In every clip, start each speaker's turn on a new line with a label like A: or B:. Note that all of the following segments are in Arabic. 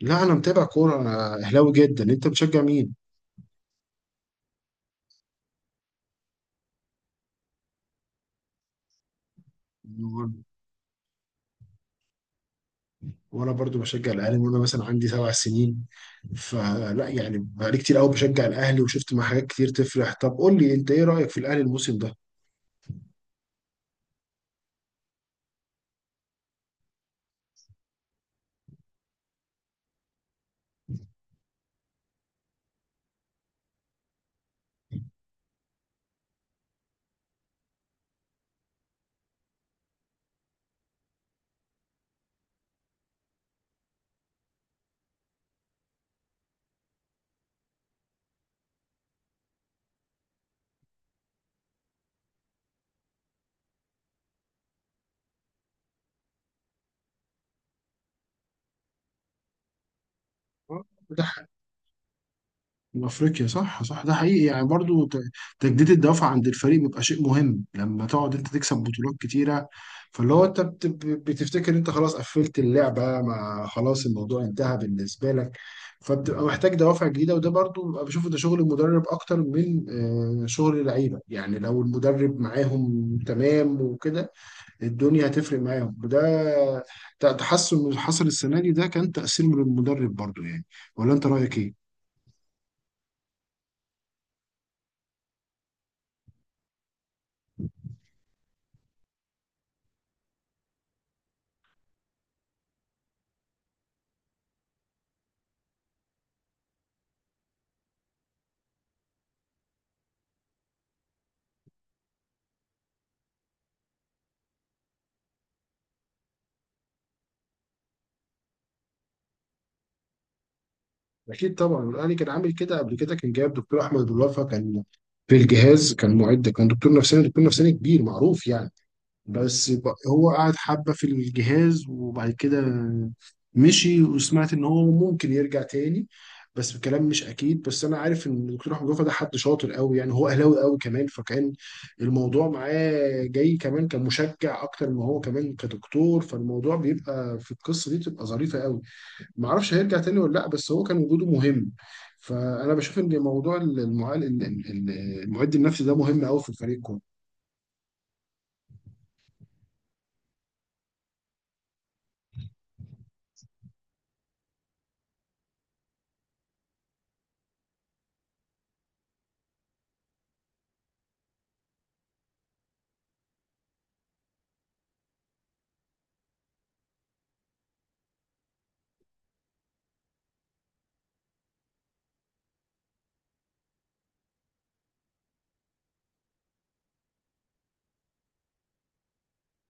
A: لا، انا متابع كوره. انا اهلاوي جدا. انت بتشجع مين؟ وانا برضو بشجع الاهلي من وانا مثلا عندي 7 سنين. فلا يعني بقالي كتير قوي بشجع الاهلي وشفت مع حاجات كتير تفرح. طب قول لي انت ايه رايك في الاهلي الموسم ده؟ ده افريقيا صح صح، ده حقيقي، يعني برضو تجديد الدوافع عند الفريق بيبقى شيء مهم لما تقعد انت تكسب بطولات كتيره. فاللي هو انت بتفتكر انت خلاص قفلت اللعبه، ما خلاص الموضوع انتهى بالنسبه لك، فبتبقى محتاج دوافع جديده. وده برضو ببقى بشوفه، ده شغل المدرب اكتر من شغل اللعيبه، يعني لو المدرب معاهم تمام وكده الدنيا هتفرق معاهم. وده تحسن اللي حصل السنه دي، ده كان تاثير من المدرب برضو يعني. ولا انت رايك ايه؟ اكيد طبعا. الاهلي كان عامل كده قبل كده، كان جايب دكتور احمد بلوفا، كان في الجهاز، كان معد، كان دكتور نفساني، دكتور نفساني كبير معروف يعني. بس هو قعد حبه في الجهاز وبعد كده مشي، وسمعت ان هو ممكن يرجع تاني، بس الكلام مش اكيد. بس انا عارف ان الدكتور احمد وفا ده حد شاطر قوي يعني، هو اهلاوي قوي كمان، فكان الموضوع معاه جاي كمان كمشجع اكتر ما هو كمان كدكتور، فالموضوع بيبقى في القصه دي بتبقى ظريفه قوي. ما اعرفش هيرجع تاني ولا لا، بس هو كان وجوده مهم. فانا بشوف ان موضوع المعد النفسي ده مهم قوي في الفريق كله.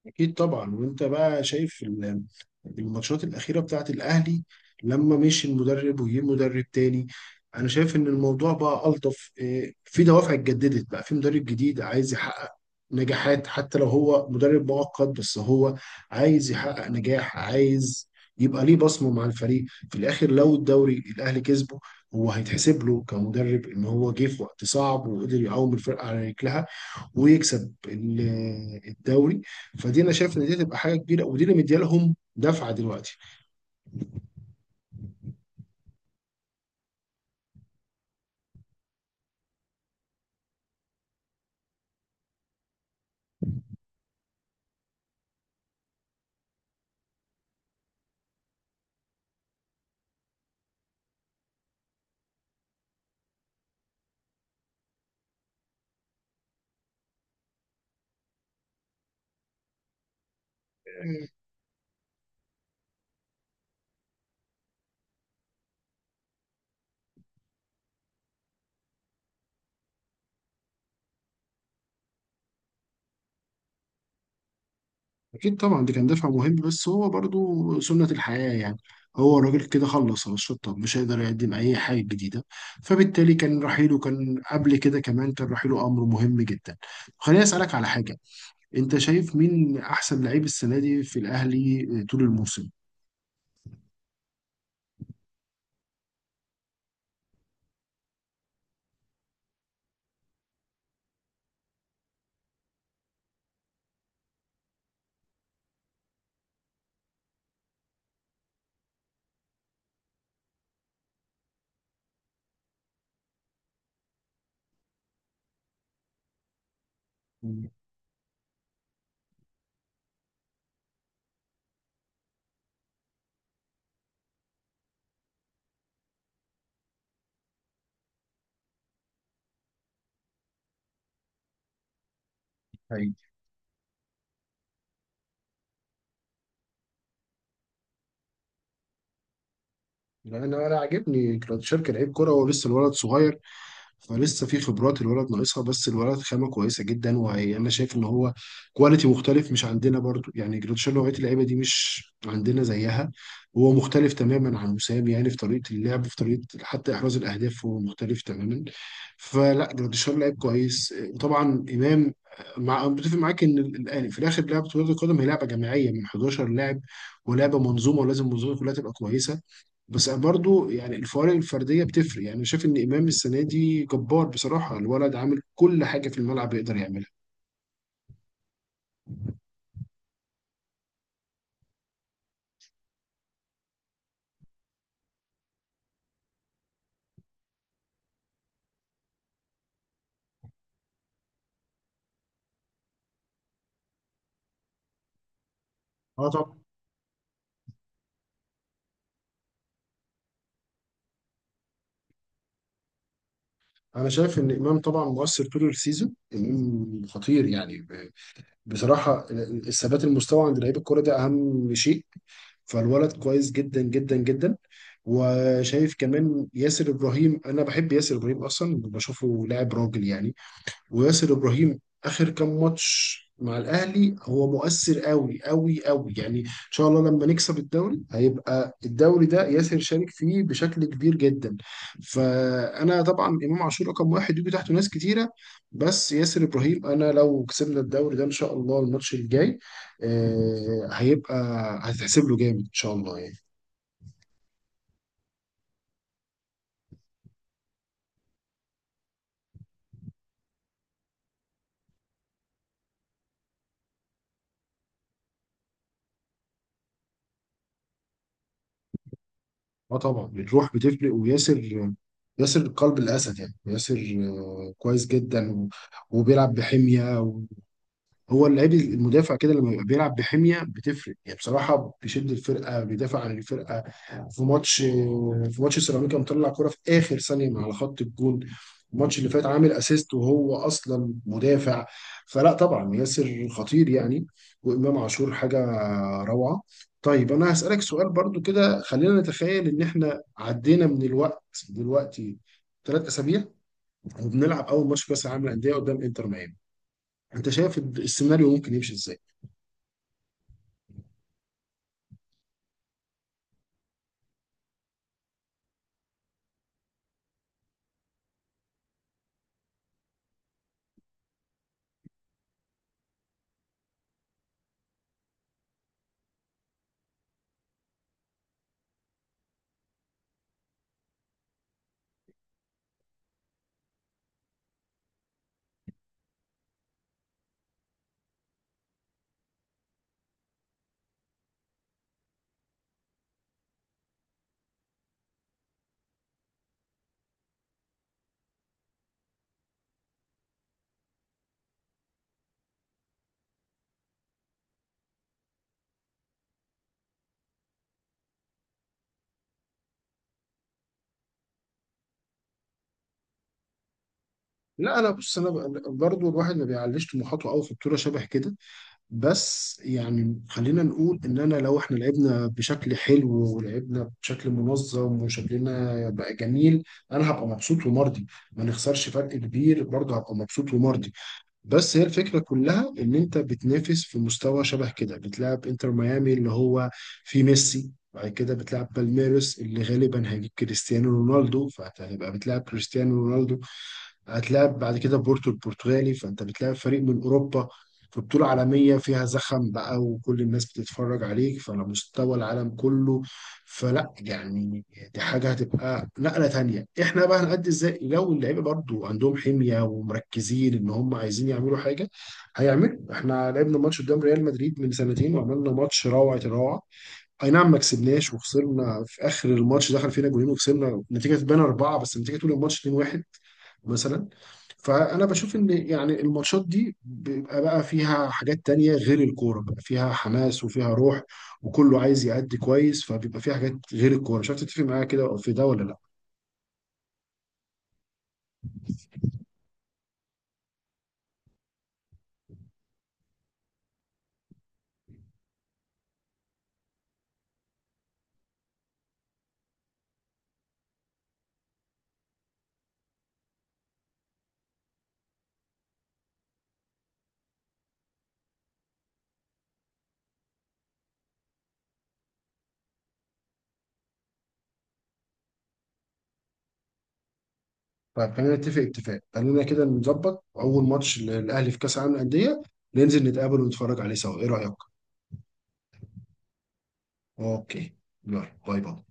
A: اكيد طبعا. وانت بقى شايف الماتشات الاخيره بتاعت الاهلي لما مشي المدرب وجه مدرب تاني؟ انا شايف ان الموضوع بقى الطف، في دوافع اتجددت، بقى في مدرب جديد عايز يحقق نجاحات حتى لو هو مدرب مؤقت، بس هو عايز يحقق نجاح، عايز يبقى ليه بصمه مع الفريق. في الاخر لو الدوري الاهلي كسبه، هو هيتحسب له كمدرب ان هو جه في وقت صعب وقدر يقوم الفرقه على رجلها ويكسب الدوري. فدي انا شايف ان دي تبقى حاجه كبيره، ودي اللي مديالهم دفعه دلوقتي. اكيد طبعا دي كان دفع مهم، بس هو برضو سنة الحياة يعني، هو الراجل كده خلص على الشطة، مش هيقدر يقدم أي حاجة جديدة. فبالتالي كان رحيله، كان قبل كده كمان، كان رحيله أمر مهم جدا. خليني أسألك على حاجة. أنت شايف مين أحسن لعيب السنة دي في الأهلي طول الموسم؟ حقيقي. لأن أنا انا عاجبني كراتشار كلاعب كرة، هو لسه الولد صغير فلسه في خبرات الولد ناقصها، بس الولد خامه كويسه جدا. وانا شايف ان هو كواليتي مختلف مش عندنا برضو يعني، جريتشار نوعيه اللعيبه دي مش عندنا زيها. هو مختلف تماما عن وسام يعني، في طريقه اللعب، في طريقه حتى احراز الاهداف، هو مختلف تماما. فلا جريتشار لعيب كويس، وطبعا امام. مع بتفق معاك ان الان في الاخر لعبه كره القدم هي لعبه جماعيه من 11 لاعب، ولعبه منظومه، ولازم المنظومه كلها تبقى كويسه. بس برضو يعني الفوارق الفرديه بتفرق يعني. أنا شايف ان امام السنه دي جبار بصراحه، الولد عامل كل حاجه في الملعب يقدر يعملها. اه طبعا. انا شايف ان امام طبعا مؤثر طول السيزون، امام خطير يعني. بصراحه الثبات المستوى عند لعيب الكوره ده اهم شيء، فالولد كويس جدا جدا جدا. وشايف كمان ياسر ابراهيم، انا بحب ياسر ابراهيم اصلا، بشوفه لاعب راجل يعني. وياسر ابراهيم اخر كام ماتش مع الاهلي هو مؤثر قوي قوي قوي يعني، ان شاء الله لما نكسب الدوري هيبقى الدوري ده ياسر شارك فيه بشكل كبير جدا. فانا طبعا امام عاشور رقم واحد، يجي تحته ناس كتيره، بس ياسر ابراهيم انا لو كسبنا الدوري ده ان شاء الله الماتش الجاي، هيبقى هتحسب له جامد ان شاء الله يعني. اه طبعا الروح بتفرق. وياسر، ياسر قلب الاسد يعني، ياسر كويس جدا وبيلعب بحميه. هو اللعيب المدافع كده لما بيبقى بيلعب بحميه بتفرق يعني، بصراحه بيشد الفرقه، بيدافع عن الفرقه. في ماتش، في ماتش سيراميكا مطلع كرة في اخر ثانيه من على خط الجون. الماتش اللي فات عامل اسيست وهو اصلا مدافع. فلا طبعا ياسر خطير يعني. وامام عاشور حاجه روعه. طيب انا هسالك سؤال برضو كده. خلينا نتخيل ان احنا عدينا من الوقت دلوقتي 3 اسابيع، وبنلعب اول ماتش كاس العالم للانديه قدام انتر ميامي. انت شايف السيناريو ممكن يمشي ازاي؟ لا انا بص، انا برضو الواحد ما بيعليش طموحاته قوي في بطوله شبه كده. بس يعني خلينا نقول ان انا لو احنا لعبنا بشكل حلو ولعبنا بشكل منظم وشكلنا بقى جميل، انا هبقى مبسوط ومرضي. ما نخسرش فرق كبير برضه هبقى مبسوط ومرضي. بس هي الفكره كلها ان انت بتنافس في مستوى شبه كده، بتلعب انتر ميامي اللي هو في ميسي، بعد كده بتلعب بالميروس اللي غالبا هيجيب كريستيانو رونالدو فهتبقى بتلعب كريستيانو رونالدو، هتلاعب بعد كده بورتو البرتغالي، فانت بتلاعب فريق من اوروبا في بطولة عالمية فيها زخم بقى وكل الناس بتتفرج عليك، فعلى مستوى العالم كله. فلا يعني دي حاجة هتبقى نقلة تانية. احنا بقى هنأدي ازاي لو اللعيبة برضو عندهم حمية ومركزين ان هم عايزين يعملوا حاجة هيعملوا؟ احنا لعبنا ماتش قدام ريال مدريد من سنتين وعملنا ماتش روعة الروعة. اي نعم ما كسبناش وخسرنا في اخر الماتش، دخل فينا جولين وخسرنا نتيجه تبان اربعه، بس النتيجه طول الماتش 2-1 مثلا. فانا بشوف ان يعني الماتشات دي بيبقى بقى فيها حاجات تانية غير الكوره، بقى فيها حماس وفيها روح وكله عايز يأدي كويس، فبيبقى فيها حاجات غير الكوره. مش عارف تتفق معايا كده في ده ولا لا؟ طيب خلينا نتفق اتفاق، خلينا كده نظبط اول ماتش للاهلي في كاس العالم للانديه، ننزل نتقابل ونتفرج عليه سوا. ايه رايك؟ اوكي. يلا باي باي.